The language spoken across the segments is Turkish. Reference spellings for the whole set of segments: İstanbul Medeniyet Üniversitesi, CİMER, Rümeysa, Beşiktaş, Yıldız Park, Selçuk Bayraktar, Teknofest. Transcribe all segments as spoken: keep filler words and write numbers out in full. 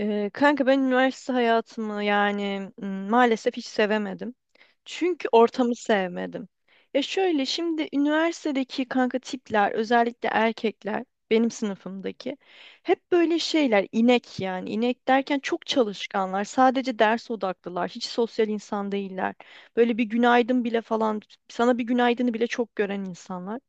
Ee, kanka, ben üniversite hayatımı yani m, maalesef hiç sevemedim. Çünkü ortamı sevmedim. Ya şöyle, şimdi üniversitedeki kanka tipler, özellikle erkekler, benim sınıfımdaki, hep böyle şeyler, inek yani. İnek derken çok çalışkanlar, sadece ders odaklılar, hiç sosyal insan değiller. Böyle bir günaydın bile falan, sana bir günaydını bile çok gören insanlar.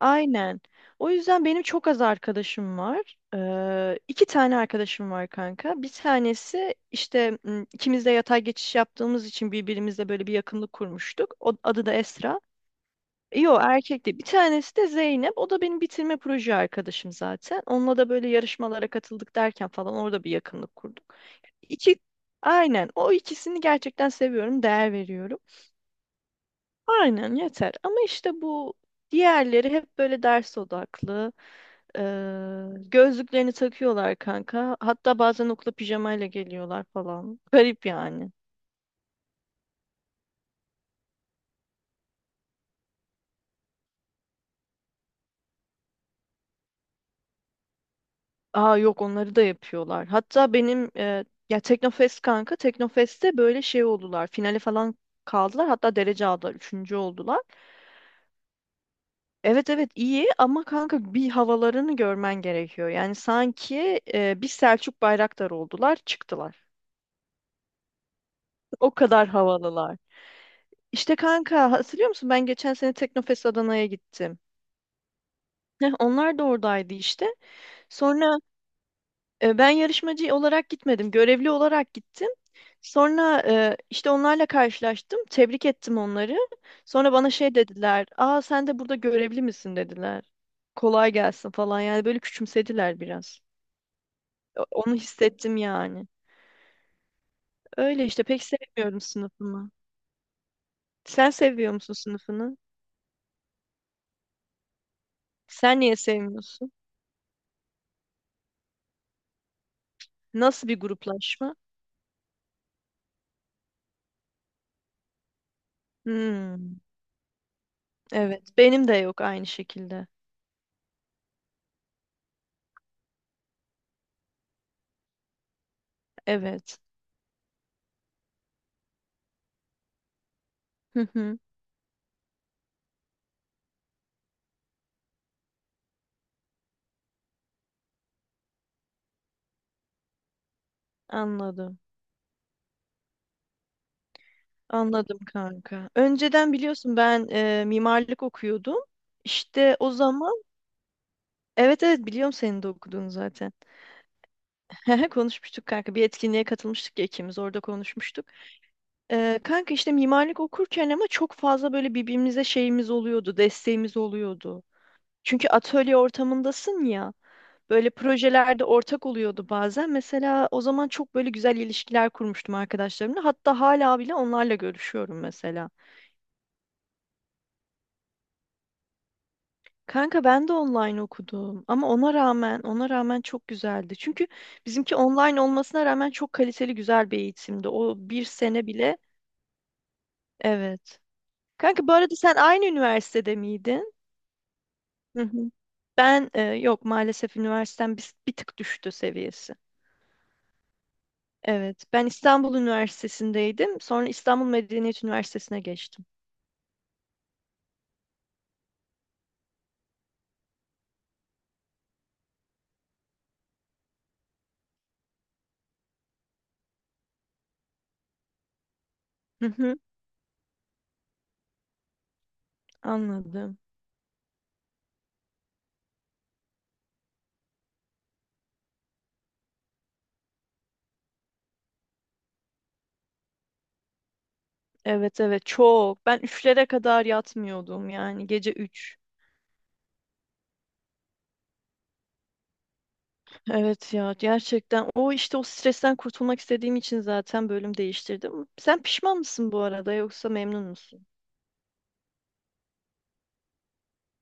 Aynen. O yüzden benim çok az arkadaşım var. Ee, iki tane arkadaşım var kanka. Bir tanesi işte m, ikimiz de yatay geçiş yaptığımız için birbirimizle böyle bir yakınlık kurmuştuk. O, adı da Esra. Yo, erkekti. Bir tanesi de Zeynep. O da benim bitirme proje arkadaşım zaten. Onunla da böyle yarışmalara katıldık derken falan orada bir yakınlık kurduk. İki, aynen. O ikisini gerçekten seviyorum, değer veriyorum. Aynen, yeter. Ama işte bu diğerleri hep böyle ders odaklı. Ee, Gözlüklerini takıyorlar kanka. Hatta bazen okula pijamayla geliyorlar falan. Garip yani. Aa, yok, onları da yapıyorlar. Hatta benim e, ya Teknofest kanka, Teknofest'te böyle şey oldular. Finale falan kaldılar. Hatta derece aldılar. Üçüncü oldular. Evet, evet, iyi ama kanka bir havalarını görmen gerekiyor. Yani sanki e, bir Selçuk Bayraktar oldular, çıktılar. O kadar havalılar. İşte kanka, hatırlıyor musun, ben geçen sene Teknofest Adana'ya gittim. Heh, onlar da oradaydı işte. Sonra e, ben yarışmacı olarak gitmedim. Görevli olarak gittim. Sonra e, işte onlarla karşılaştım. Tebrik ettim onları. Sonra bana şey dediler. Aa, sen de burada görevli misin, dediler. Kolay gelsin falan, yani böyle küçümsediler biraz. O- Onu hissettim yani. Öyle işte, pek sevmiyorum sınıfımı. Sen seviyor musun sınıfını? Sen niye sevmiyorsun? Nasıl bir gruplaşma? Hmm. Evet. Benim de yok aynı şekilde. Evet. Hı hı. Anladım. Anladım kanka. Önceden biliyorsun, ben e, mimarlık okuyordum. İşte o zaman, evet, evet, biliyorum senin de okuduğunu zaten. Konuşmuştuk kanka. Bir etkinliğe katılmıştık ya, ikimiz orada konuşmuştuk. E, kanka, işte mimarlık okurken ama çok fazla böyle birbirimize şeyimiz oluyordu, desteğimiz oluyordu. Çünkü atölye ortamındasın ya. Böyle projelerde ortak oluyordu bazen. Mesela o zaman çok böyle güzel ilişkiler kurmuştum arkadaşlarımla. Hatta hala bile onlarla görüşüyorum mesela. Kanka ben de online okudum ama ona rağmen ona rağmen çok güzeldi. Çünkü bizimki online olmasına rağmen çok kaliteli, güzel bir eğitimdi. O bir sene bile, evet. Kanka, bu arada, sen aynı üniversitede miydin? Hı hı. Ben e, yok, maalesef üniversitem bir, bir tık düştü seviyesi. Evet, ben İstanbul Üniversitesi'ndeydim. Sonra İstanbul Medeniyet Üniversitesi'ne geçtim. Hı hı, anladım. Evet, evet, çok. Ben üçlere kadar yatmıyordum, yani gece üç. Evet ya, gerçekten o, işte o stresten kurtulmak istediğim için zaten bölüm değiştirdim. Sen pişman mısın bu arada, yoksa memnun musun?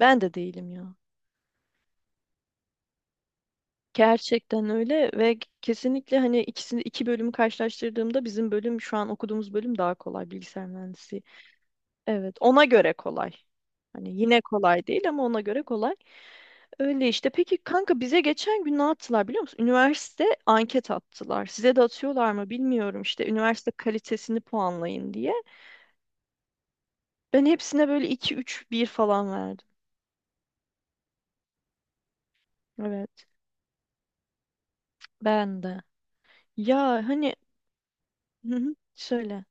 Ben de değilim ya. Gerçekten öyle ve kesinlikle hani ikisini, iki bölümü karşılaştırdığımda bizim bölüm, şu an okuduğumuz bölüm daha kolay, bilgisayar mühendisi. Evet, ona göre kolay. Hani yine kolay değil ama ona göre kolay. Öyle işte. Peki kanka, bize geçen gün ne attılar biliyor musun? Üniversite anket attılar. Size de atıyorlar mı bilmiyorum işte. Üniversite kalitesini puanlayın diye. Ben hepsine böyle iki, üç, bir falan verdim. Evet. Ben de. Ya hani. Hı hı, şöyle.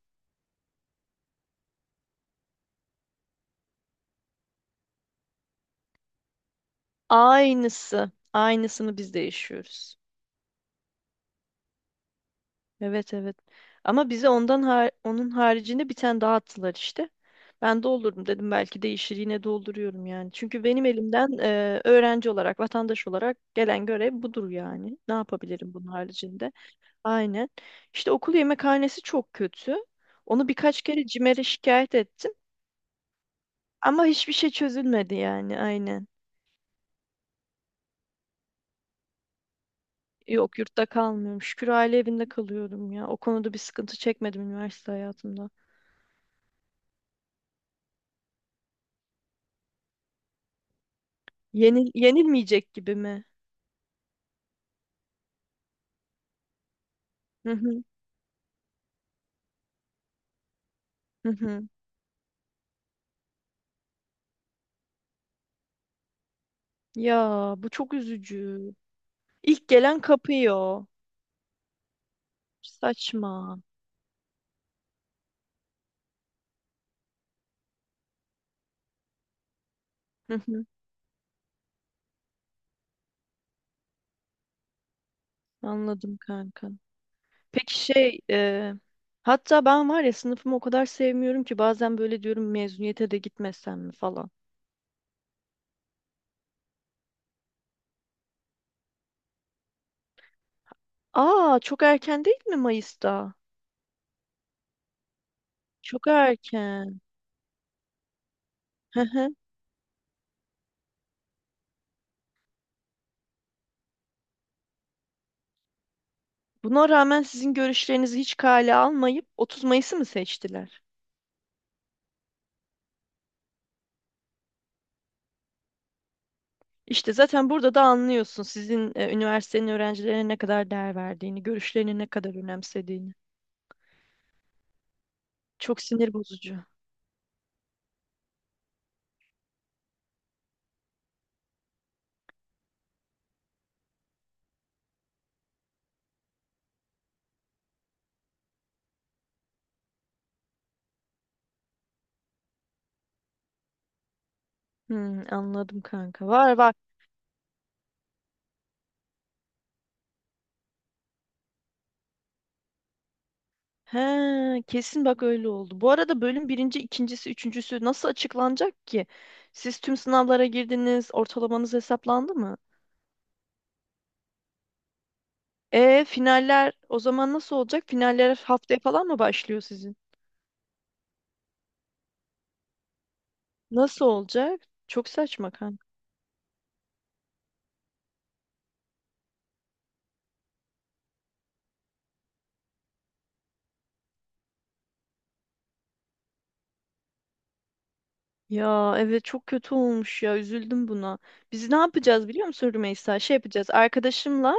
Aynısı. Aynısını biz de yaşıyoruz. Evet, evet. Ama bize ondan, har- onun haricinde bir tane daha attılar işte. Ben doldururum dedim, belki değişir, yine dolduruyorum yani. Çünkü benim elimden e, öğrenci olarak, vatandaş olarak gelen görev budur yani. Ne yapabilirim bunun haricinde? Aynen. İşte okul yemekhanesi çok kötü. Onu birkaç kere CİMER'e şikayet ettim. Ama hiçbir şey çözülmedi, yani aynen. Yok, yurtta kalmıyorum. Şükür aile evinde kalıyorum ya. O konuda bir sıkıntı çekmedim üniversite hayatımda. Yenil yenilmeyecek gibi mi? Hı hı. Ya bu çok üzücü. İlk gelen kapıyor. Saçma. Hı hı. Anladım kanka. Peki şey e, hatta ben var ya, sınıfımı o kadar sevmiyorum ki bazen böyle diyorum, mezuniyete de gitmesem mi falan. Aa, çok erken değil mi Mayıs'ta? Çok erken. Hı hı. Buna rağmen sizin görüşlerinizi hiç kale almayıp otuz Mayıs'ı mı seçtiler? İşte zaten burada da anlıyorsun sizin, e, üniversitenin öğrencilerine ne kadar değer verdiğini, görüşlerini ne kadar önemsediğini. Çok sinir bozucu. Hmm, anladım kanka. Var, var. He, kesin bak öyle oldu. Bu arada bölüm birinci, ikincisi, üçüncüsü nasıl açıklanacak ki? Siz tüm sınavlara girdiniz, ortalamanız hesaplandı mı? E, finaller o zaman nasıl olacak? Finaller haftaya falan mı başlıyor sizin? Nasıl olacak? Çok saçma kanka. Ya evet, çok kötü olmuş ya, üzüldüm buna. Biz ne yapacağız biliyor musun Rümeysa? Şey yapacağız arkadaşımla.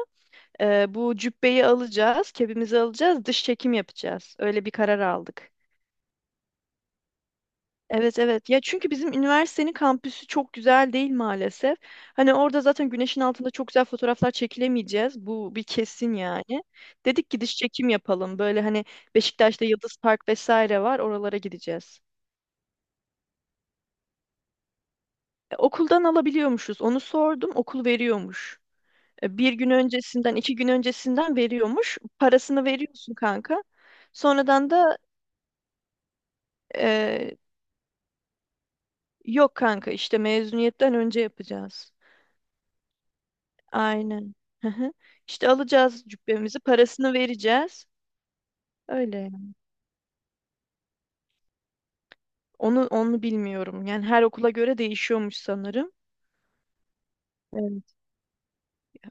Ee, bu cübbeyi alacağız, kebimizi alacağız, dış çekim yapacağız. Öyle bir karar aldık. Evet, evet. Ya çünkü bizim üniversitenin kampüsü çok güzel değil maalesef. Hani orada zaten güneşin altında çok güzel fotoğraflar çekilemeyeceğiz. Bu bir kesin yani. Dedik ki dış çekim yapalım. Böyle hani Beşiktaş'ta Yıldız Park vesaire var. Oralara gideceğiz. E, okuldan alabiliyormuşuz. Onu sordum. Okul veriyormuş. E, bir gün öncesinden, iki gün öncesinden veriyormuş. Parasını veriyorsun kanka. Sonradan da Yok kanka, işte mezuniyetten önce yapacağız. Aynen. Hı hı. İşte alacağız cübbemizi, parasını vereceğiz. Öyle yani. Onu onu bilmiyorum. Yani her okula göre değişiyormuş sanırım. Evet.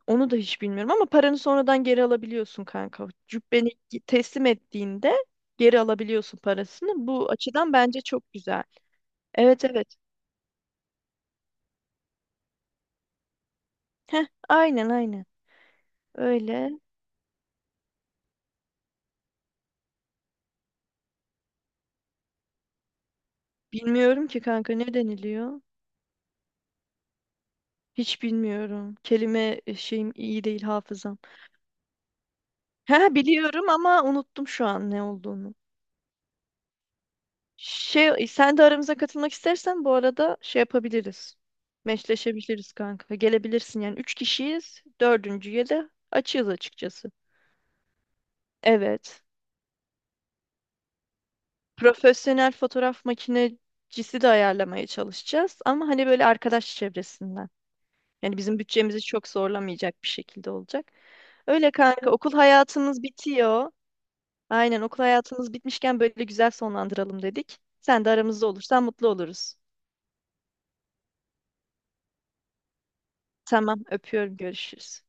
Onu da hiç bilmiyorum ama paranı sonradan geri alabiliyorsun kanka. Cübbeni teslim ettiğinde geri alabiliyorsun parasını. Bu açıdan bence çok güzel. Evet, evet. Heh, aynen, aynen. Öyle. Bilmiyorum ki kanka, ne deniliyor? Hiç bilmiyorum. Kelime e, şeyim iyi değil, hafızam. Ha, biliyorum ama unuttum şu an ne olduğunu. Şey, sen de aramıza katılmak istersen bu arada şey yapabiliriz. Meşleşebiliriz kanka. Gelebilirsin yani. Üç kişiyiz. Dördüncüye de açığız açıkçası. Evet. Profesyonel fotoğraf makinecisi de ayarlamaya çalışacağız. Ama hani böyle arkadaş çevresinden. Yani bizim bütçemizi çok zorlamayacak bir şekilde olacak. Öyle kanka. Okul hayatımız bitiyor. Aynen, okul hayatımız bitmişken böyle güzel sonlandıralım dedik. Sen de aramızda olursan mutlu oluruz. Tamam, öpüyorum. Görüşürüz.